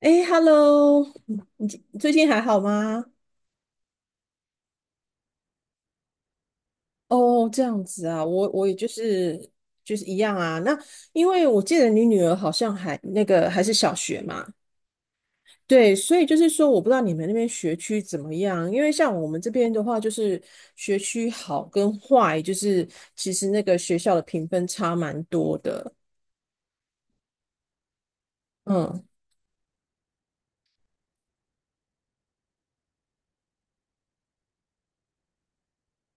哎，Hello，你最近还好吗？哦，这样子啊，我也就是一样啊。那因为我记得你女儿好像还那个还是小学嘛，对，所以就是说，我不知道你们那边学区怎么样。因为像我们这边的话，就是学区好跟坏，就是其实那个学校的评分差蛮多的。嗯，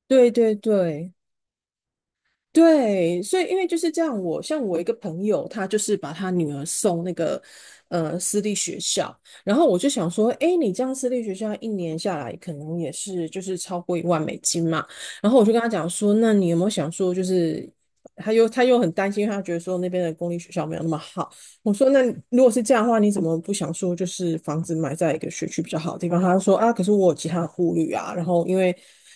对对对。对，所以因为就是这样我，像我一个朋友，他就是把他女儿送那个私立学校。然后我就想说，诶，你这样私立学校一年下来可能也是就是超过1万美金嘛。然后我就跟他讲说，那你有没有想说就是？他又很担心，他觉得说那边的公立学校没有那么好。我说，那如果是这样的话，你怎么不想说就是房子买在一个学区比较好的地方？他就说啊，可是我有其他的顾虑啊。然后因为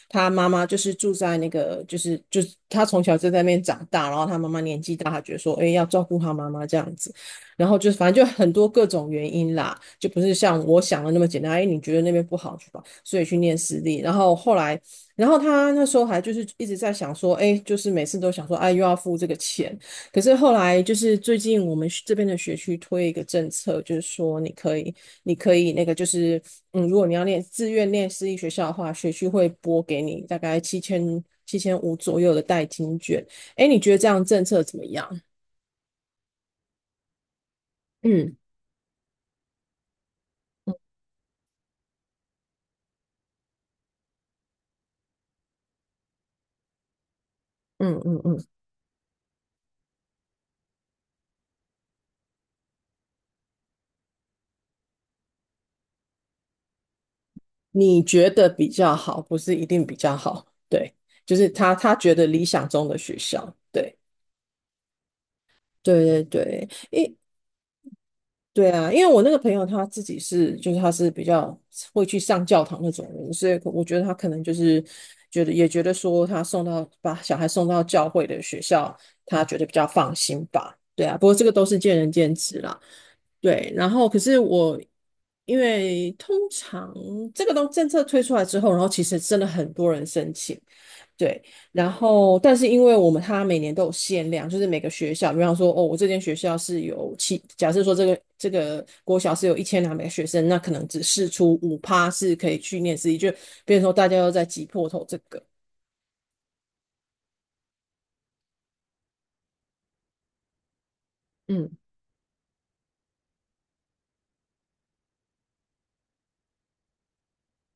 他妈妈就是住在那个，就是他从小就在那边长大，然后他妈妈年纪大，他觉得说，哎，要照顾他妈妈这样子。然后就反正就很多各种原因啦，就不是像我想的那么简单。哎，你觉得那边不好去吧，所以去念私立。然后后来，然后他那时候还就是一直在想说，哎，就是每次都想说，哎，又要付这个钱。可是后来就是最近我们这边的学区推一个政策，就是说你可以，你可以那个就是，嗯，如果你自愿念私立学校的话，学区会拨给你大概七千七千五左右的代金券。哎，你觉得这样政策怎么样？嗯嗯嗯嗯嗯，你觉得比较好，不是一定比较好，对，就是他觉得理想中的学校，对。对对对，对啊，因为我那个朋友他自己是，就是他是比较会去上教堂那种人，所以我觉得他可能就是觉得说他把小孩送到教会的学校，他觉得比较放心吧。对啊，不过这个都是见仁见智啦。对，然后可是我因为通常这个政策推出来之后，然后其实真的很多人申请，对，然后但是因为我们它每年都有限量，就是每个学校，比方说哦，我这间学校是有七，假设说这个国小是有1200个学生，那可能只试出5%是可以去念私立，就变成说大家都在挤破头这个。嗯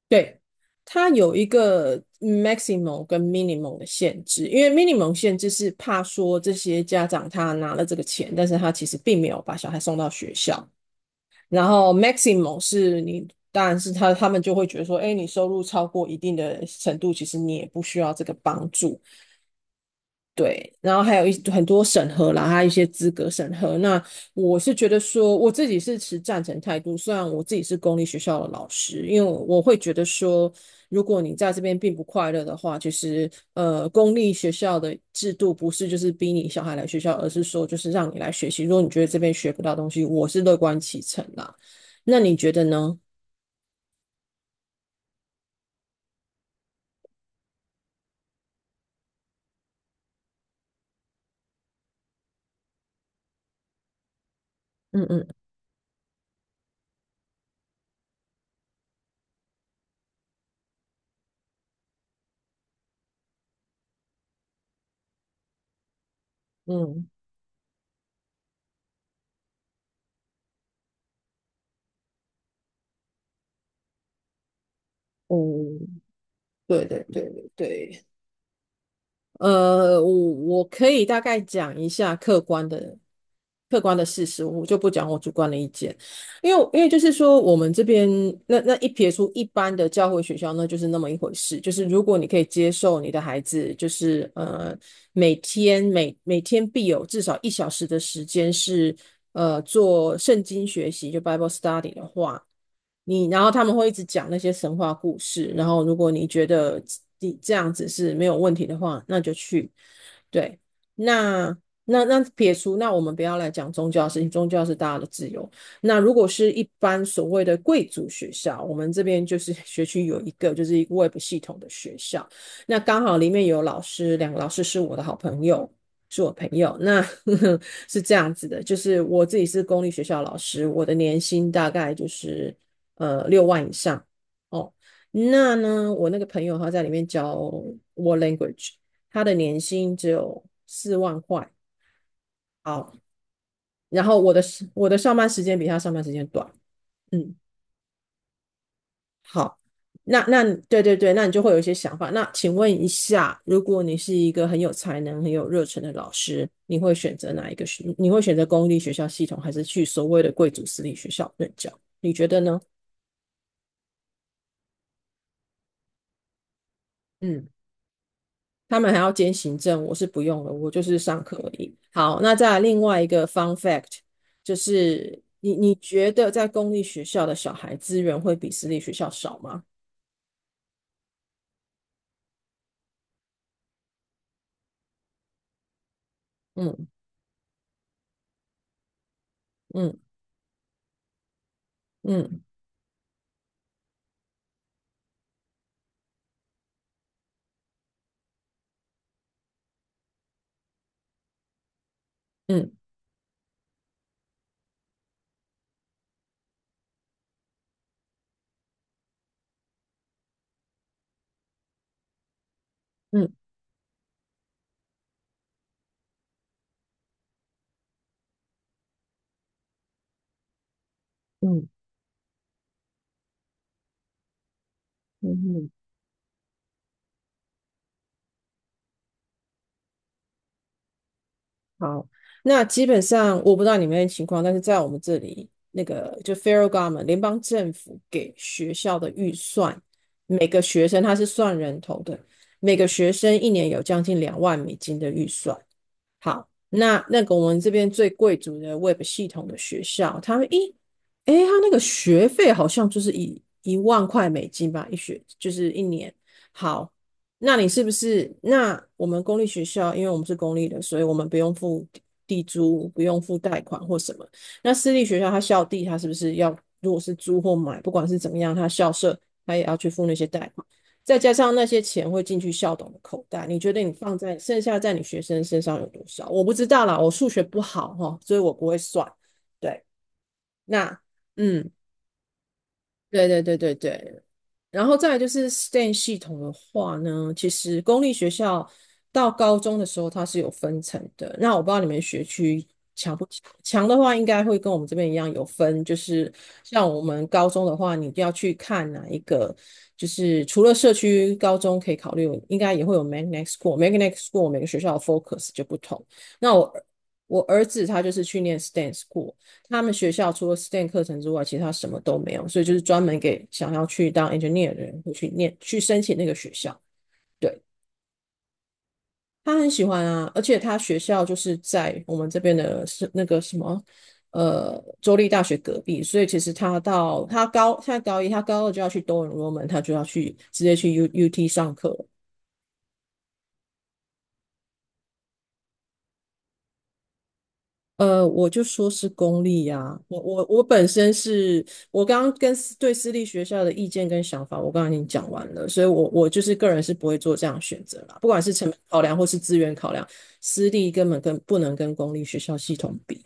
对，它有一个 maximum 跟 minimum 的限制，因为 minimum 限制是怕说这些家长他拿了这个钱，但是他其实并没有把小孩送到学校，然后 maximum 是你，当然是他们就会觉得说，哎，你收入超过一定的程度，其实你也不需要这个帮助。对，然后还有很多审核啦，还有一些资格审核。那我是觉得说，我自己是持赞成态度。虽然我自己是公立学校的老师，因为我会觉得说，如果你在这边并不快乐的话，其实公立学校的制度不是就是逼你小孩来学校，而是说就是让你来学习。如果你觉得这边学不到东西，我是乐观其成啦。那你觉得呢？嗯嗯嗯，哦，对对对对对。呃，我我可以大概讲一下客观的事实，我就不讲我主观的意见，因为就是说我们这边那一撇出一般的教会学校，那就是那么一回事，就是如果你可以接受你的孩子，就是每天必有至少1小时的时间是做圣经学习，就 Bible study 的话。然后他们会一直讲那些神话故事，然后如果你觉得你这样子是没有问题的话，那就去。对，那那撇除，那我们不要来讲宗教的事情，宗教是大家的自由。那如果是一般所谓的贵族学校，我们这边就是 学区有一个Web 系统的学校，那刚好里面有老师，两个老师是我的好朋友。是我朋友，那呵呵 是这样子的，就是我自己是公立学校老师，我的年薪大概就是6万以上哦。那呢，我那个朋友他在里面教 w l Language，他的年薪只有4万块。好，然后我的上班时间比他上班时间短。嗯，好，那对对对，那你就会有一些想法。那请问一下，如果你是一个很有才能、很有热忱的老师，你会选择哪一个学？你会选择公立学校系统，还是去所谓的贵族私立学校任教？你觉得呢？嗯，他们还要兼行政，我是不用了，我就是上课而已。好，那再来另外一个 fun fact，就是你觉得在公立学校的小孩资源会比私立学校少吗？嗯嗯嗯嗯嗯嗯嗯嗯嗯。好，那基本上我不知道你们的情况，但是在我们这里，那个就 federal government 联邦政府给学校的预算，每个学生他是算人头的，每个学生一年有将近2万美金的预算。好，那那个我们这边最贵族的 Web 系统的学校，他们一，诶，他那个学费好像就是一万块美金吧，一学就是一年。好，那你是不是？那我们公立学校，因为我们是公立的，所以我们不用付地租，不用付贷款或什么。那私立学校，他校地他是不是要，如果是租或买，不管是怎么样，他校舍他也要去付那些贷款。再加上那些钱会进去校董的口袋，你觉得你放在剩下在你学生身上有多少？我不知道啦，我数学不好哈，所以我不会算。对，那嗯，对对对对对。然后再来就是 STEM 系统的话呢，其实公立学校到高中的时候它是有分层的。那我不知道你们学区强的话应该会跟我们这边一样有分，就是像我们高中的话，你要去看哪一个，就是除了社区高中可以考虑，应该也会有 magnet school。Magnet school 每个学校的 focus 就不同。那我儿我儿子他就是去念 STEM school，他们学校除了 STEM 课程之外，其他什么都没有，所以就是专门给想要去当 engineer 的人会去申请那个学校。对。他很喜欢啊，而且他学校就是在我们这边的是那个什么，州立大学隔壁，所以其实他现在高一，他高二就要去多伦多门，他就要去直接去 UT 上课了。我就说是公立呀、我本身是我刚刚跟私立学校的意见跟想法，我刚刚已经讲完了，所以我就是个人是不会做这样的选择啦，不管是成本考量或是资源考量，私立根本不能跟公立学校系统比。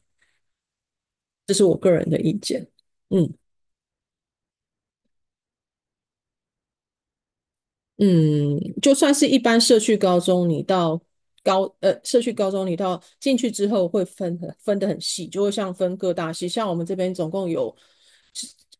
嗯。嗯，就算是一般社区高中，你到社区高中，你到进去之后会分得很细，就会像分各大系，像我们这边总共有，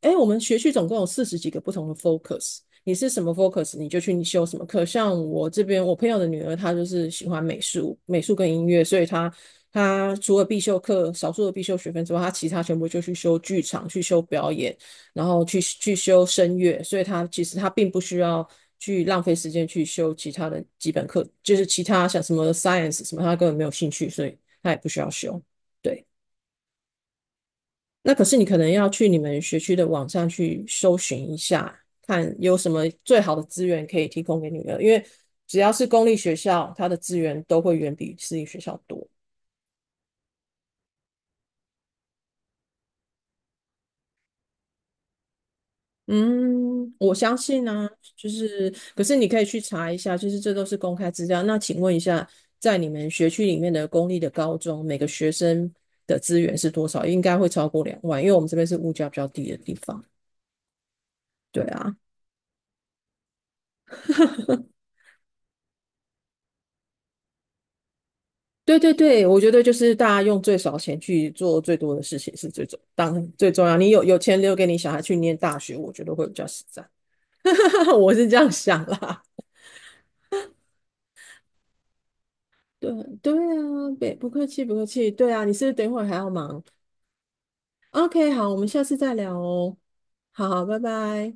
哎，我们学区总共有四十几个不同的 focus，你是什么 focus，你就去你修什么课。像我这边，我朋友的女儿她就是喜欢美术，美术跟音乐，所以她除了必修课少数的必修学分之外，她其他全部就去修剧场，去修表演。然后去修声乐，所以他其实他并不需要去浪费时间去修其他的基本课，就是其他像什么 science 什么，他根本没有兴趣，所以他也不需要修。对，那可是你可能要去你们学区的网上去搜寻一下，看有什么最好的资源可以提供给女儿，因为只要是公立学校，它的资源都会远比私立学校多。嗯，我相信呢、就是，可是你可以去查一下，就是这都是公开资料。那请问一下，在你们学区里面的公立的高中，每个学生的资源是多少？应该会超过两万，因为我们这边是物价比较低的地方。对啊，对对对，我觉得就是大家用最少钱去做最多的事情是当然最重要。你有钱留给你小孩去念大学，我觉得会比较实在。我是这样想啦。对对啊，别不客气不客气。对啊，你是不是等一会儿还要忙？OK，好，我们下次再聊哦。好，拜拜。